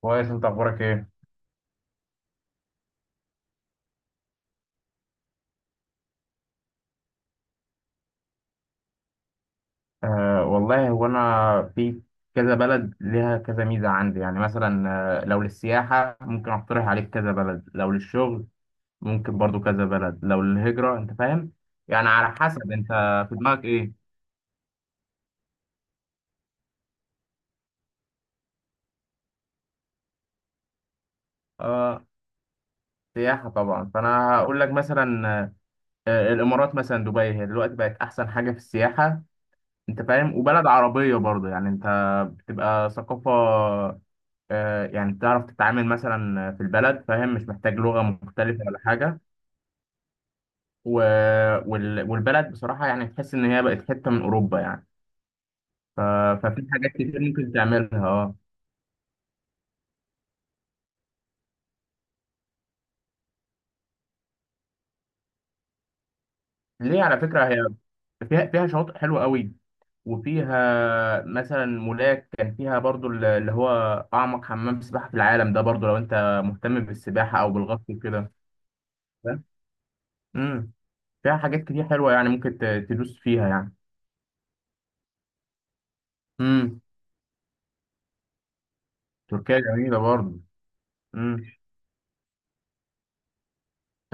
كويس، انت اخبارك ايه؟ آه والله هو انا في كذا بلد ليها كذا ميزه عندي، يعني مثلا لو للسياحه ممكن اقترح عليك كذا بلد، لو للشغل ممكن برضو كذا بلد، لو للهجره انت فاهم يعني على حسب انت في دماغك ايه. اه، سياحه طبعا. فانا هقول لك مثلا الامارات مثلا، دبي هي دلوقتي بقت احسن حاجه في السياحه. انت فاهم وبلد عربيه برضو، يعني انت بتبقى ثقافه. يعني تعرف تتعامل مثلا في البلد، فاهم، مش محتاج لغة مختلفة ولا حاجة. و- والبلد بصراحة يعني تحس إن هي بقت حتة من أوروبا يعني. ف- ففي حاجات كتير ممكن تعملها. اه، ليه؟ على فكرة هي فيها شواطئ حلوة قوي، وفيها مثلا مولاك، كان فيها برضو اللي هو أعمق حمام سباحة في العالم، ده برضو لو أنت مهتم بالسباحة أو بالغطس وكده. فاهم؟ امم، فيها حاجات كتير حلوة يعني، ممكن تدوس فيها يعني. امم، تركيا جميلة برضو.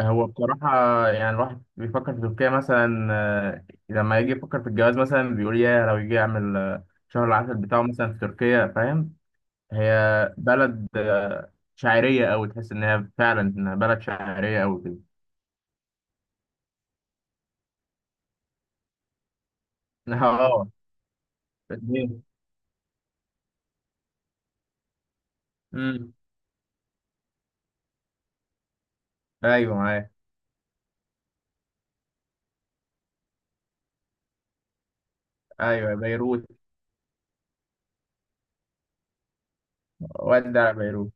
هو بصراحة يعني الواحد بيفكر في تركيا مثلا، لما يجي يفكر في الجواز مثلا، بيقول يا لو يجي يعمل شهر العسل بتاعه مثلا في تركيا، فاهم. هي بلد شاعرية أوي، تحس إن هي فعلا إنها بلد شاعرية أوي كده. اه. ليه؟ امم، أيوه معايا. أيوه، بيروت. ودع بيروت.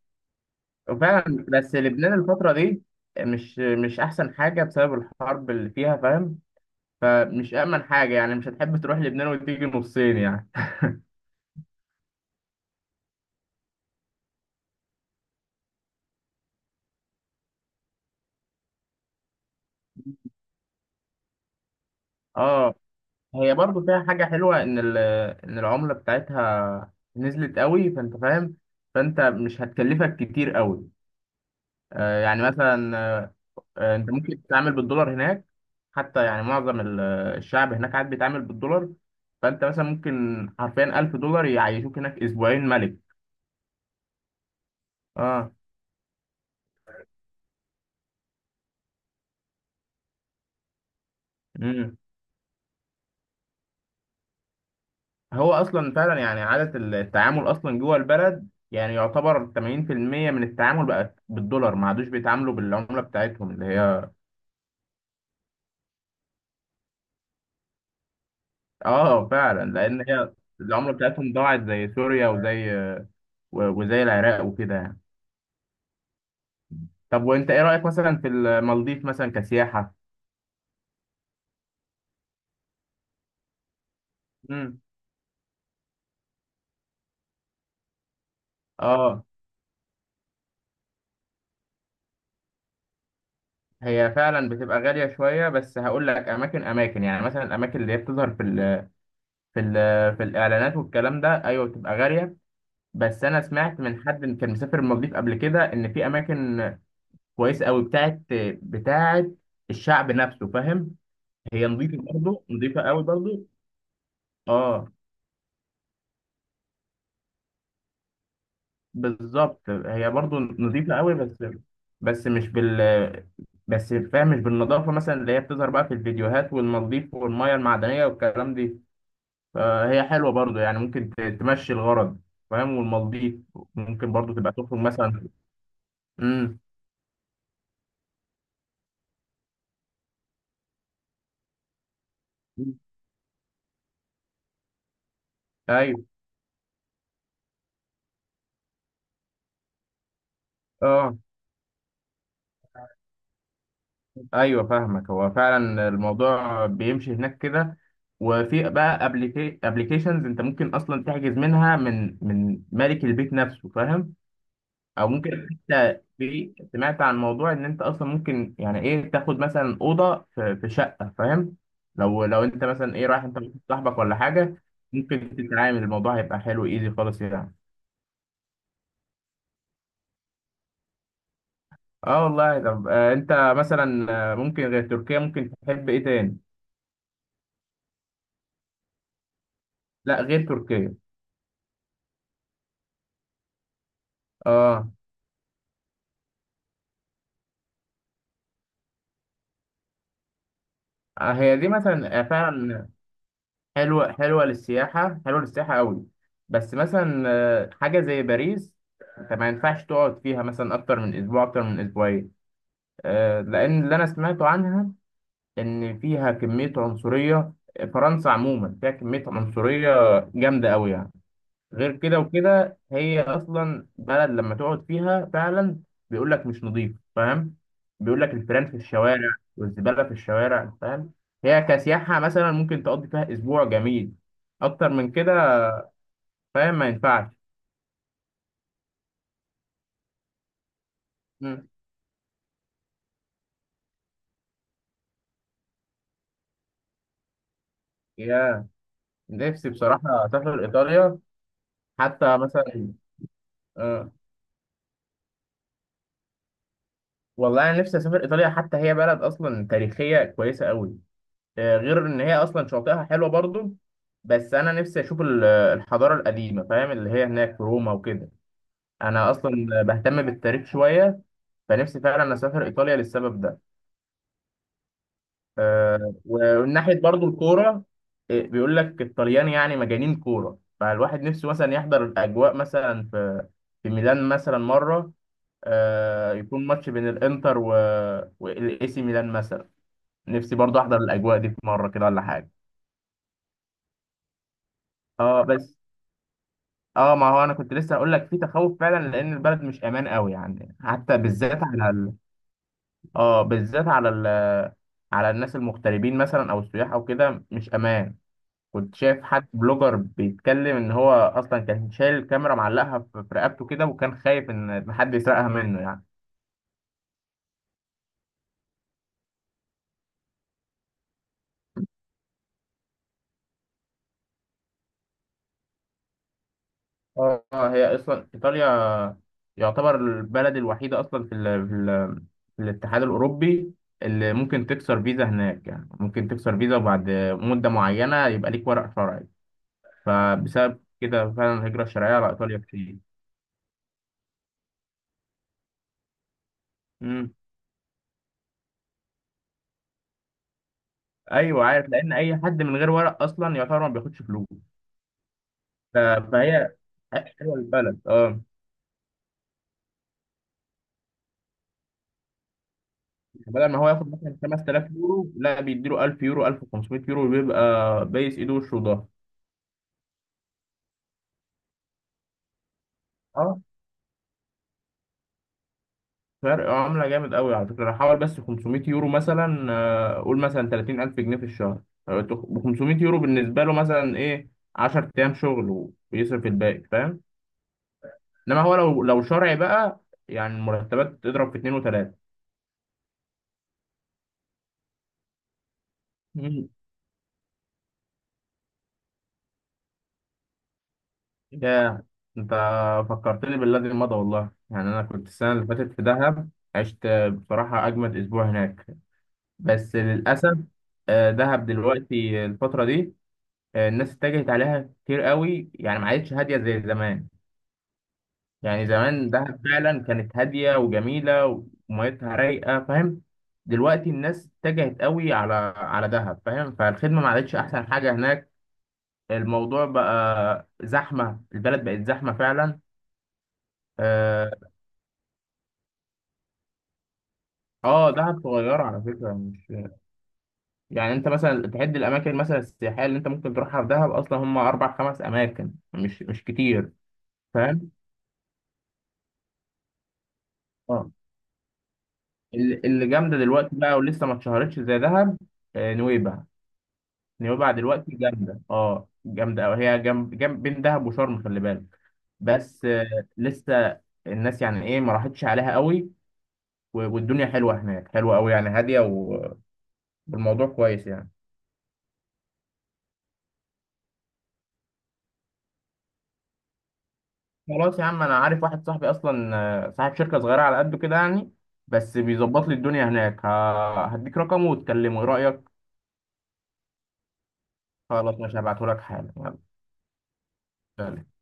وفعلا بس لبنان الفترة دي مش أحسن حاجة، بسبب الحرب اللي فيها فاهم. فمش أأمن حاجة يعني، مش هتحب تروح لبنان وتيجي نصين يعني. اه، هي برضو فيها حاجة حلوة، إن إن العملة بتاعتها نزلت قوي، فأنت فاهم، فأنت مش هتكلفك كتير قوي. آه يعني مثلا، أنت ممكن تتعامل بالدولار هناك. حتى يعني معظم الشعب هناك قاعد بيتعامل بالدولار. فأنت مثلا ممكن حرفيا ألف دولار يعيشوك هناك أسبوعين ملك. اه. امم، هو أصلا فعلا يعني عادة التعامل أصلا جوه البلد يعني يعتبر 80% من التعامل بقى بالدولار، ما عادوش بيتعاملوا بالعملة بتاعتهم اللي هي. اه فعلا، لان هي العمله بتاعتهم ضاعت زي سوريا وزي وزي العراق وكده يعني. طب وانت ايه رايك مثلا في المالديف مثلا كسياحه؟ امم. اه، هي فعلا بتبقى غاليه شويه، بس هقول لك اماكن يعني مثلا الاماكن اللي هي بتظهر في ال في الاعلانات والكلام ده ايوه بتبقى غاليه. بس انا سمعت من حد إن كان مسافر المالديف قبل كده ان في اماكن كويسه قوي، بتاعت الشعب نفسه فاهم. هي نظيفه برضه، نظيفه قوي برضه. اه، بالظبط، هي برضو نظيفة قوي. بس بس مش بال بس فاهم مش بالنظافة مثلا اللي هي بتظهر بقى في الفيديوهات والمضيف والمية المعدنية والكلام دي. فهي حلوة برضو يعني، ممكن تمشي الغرض فاهم. والمضيف ممكن برضو تبقى تخرج مثلا. امم. ايوه. اه، ايوه فاهمك، هو فعلا الموضوع بيمشي هناك كده. وفي بقى ابلكيشنز انت ممكن اصلا تحجز منها من مالك البيت نفسه فاهم. او ممكن حتى في، سمعت عن موضوع ان انت اصلا ممكن يعني ايه تاخد مثلا اوضه في شقه فاهم. لو انت مثلا ايه رايح انت وواحد صاحبك ولا حاجه. ممكن تتعامل، الموضوع هيبقى حلو ايزي خالص يعني. اه والله. طب انت مثلا ممكن غير تركيا ممكن تحب ايه تاني؟ لا غير تركيا. اه، هي دي مثلا فعلا حلوه للسياحه، حلوه للسياحه قوي. بس مثلا حاجه زي باريس، انت ما ينفعش تقعد فيها مثلا اكتر من اسبوع، اكتر من اسبوعين. لأن اللي أنا سمعته عنها إن فيها كمية عنصرية، فرنسا عموما فيها كمية عنصرية جامدة أوي يعني. غير كده وكده هي أصلا بلد لما تقعد فيها فعلا بيقول لك مش نظيف، فاهم، بيقول لك الفيران في الشوارع والزبالة في الشوارع، فاهم. هي كسياحة مثلا ممكن تقضي فيها أسبوع جميل، أكتر من كده فاهم ما ينفعش. مم. يا نفسي بصراحة أسافر إيطاليا حتى مثلا آه، والله انا نفسي اسافر ايطاليا حتى هي بلد اصلا تاريخيه كويسه قوي آه، غير ان هي اصلا شواطئها حلوه برضو بس انا نفسي اشوف ال- الحضاره القديمه فاهم اللي هي هناك في روما وكده انا اصلا بهتم بالتاريخ شويه فنفسي فعلا اسافر ايطاليا للسبب ده آه، ومن ناحيه برضو الكوره آه، بيقول لك الطليان يعني مجانين كوره فالواحد نفسه مثلا يحضر الاجواء مثلا في في ميلان مثلا مره آه، يكون ماتش بين الانتر والاي سي ميلان مثلا نفسي برضه احضر الاجواء دي في مره كده ولا حاجه اه بس اه ما هو انا كنت لسه هقول لك في تخوف فعلا لان البلد مش امان قوي يعني حتى بالذات على ال... اه بالذات على ال... على الناس المغتربين مثلا او السياح او كده مش امان كنت شايف حد بلوجر بيتكلم ان هو اصلا كان شايل الكاميرا معلقها في في رقبته كده وكان خايف ان حد يسرقها منه يعني اه هي اصلا ايطاليا يعتبر البلد الوحيده اصلا في ال في, ال في الاتحاد الاوروبي اللي ممكن تكسر فيزا هناك يعني ممكن تكسر فيزا وبعد مده معينه يبقى ليك ورق شرعي فبسبب كده فعلا الهجره الشرعيه على ايطاليا كتير امم ايوه عارف لان اي حد من غير ورق اصلا يعتبر ما بياخدش فلوس ف- فهي حلوه البلد اه بدل ما هو ياخد مثلا 5000 يورو لا بيديله 1000 يورو 1500 يورو بيبقى بايس ايده وشه وضهره فرق عملة جامد قوي على فكرة أنا حوالي بس 500 يورو مثلا آه، قول مثلا 30,000 جنيه في الشهر ب 500 يورو بالنسبة له مثلا إيه 10 أيام شغل ويصرف الباقي فاهم إنما هو لو لو شرعي بقى يعني المرتبات تضرب في اتنين وتلاتة مم. يا أنت فكرتني بالذي مضى والله. يعني أنا كنت السنة اللي فاتت في دهب، عشت بصراحة أجمد أسبوع هناك. بس للأسف دهب دلوقتي الفترة دي الناس اتجهت عليها كتير قوي، يعني ما عادتش هادية زي زمان. يعني زمان دهب فعلا كانت هادية وجميلة وميتها رايقة فاهم. دلوقتي الناس اتجهت قوي على دهب فاهم، فالخدمة ما عادتش أحسن حاجة هناك. الموضوع بقى زحمة، البلد بقت زحمة فعلا. اه. دهب صغيرة على فكرة، مش يعني انت مثلا تحد الاماكن مثلا السياحية اللي انت ممكن تروحها في دهب اصلا هم اربع خمس اماكن، مش كتير فاهم. اه، اللي جامده دلوقتي بقى ولسه ما اتشهرتش زي دهب، نويبع. نويبع دلوقتي جامده، اه جامده قوي، هي جنب بين دهب وشرم خلي بالك. بس لسه الناس يعني ايه ما راحتش عليها قوي، والدنيا حلوه هناك، حلوه قوي يعني، هاديه والموضوع كويس يعني. خلاص يا عم، انا عارف واحد صاحبي اصلا صاحب شركه صغيره على قده كده يعني، بس بيظبط لي الدنيا هناك، هديك رقمه وتكلمه ايه رايك. خلاص، مش هبعته لك حالا، يلا. سلام.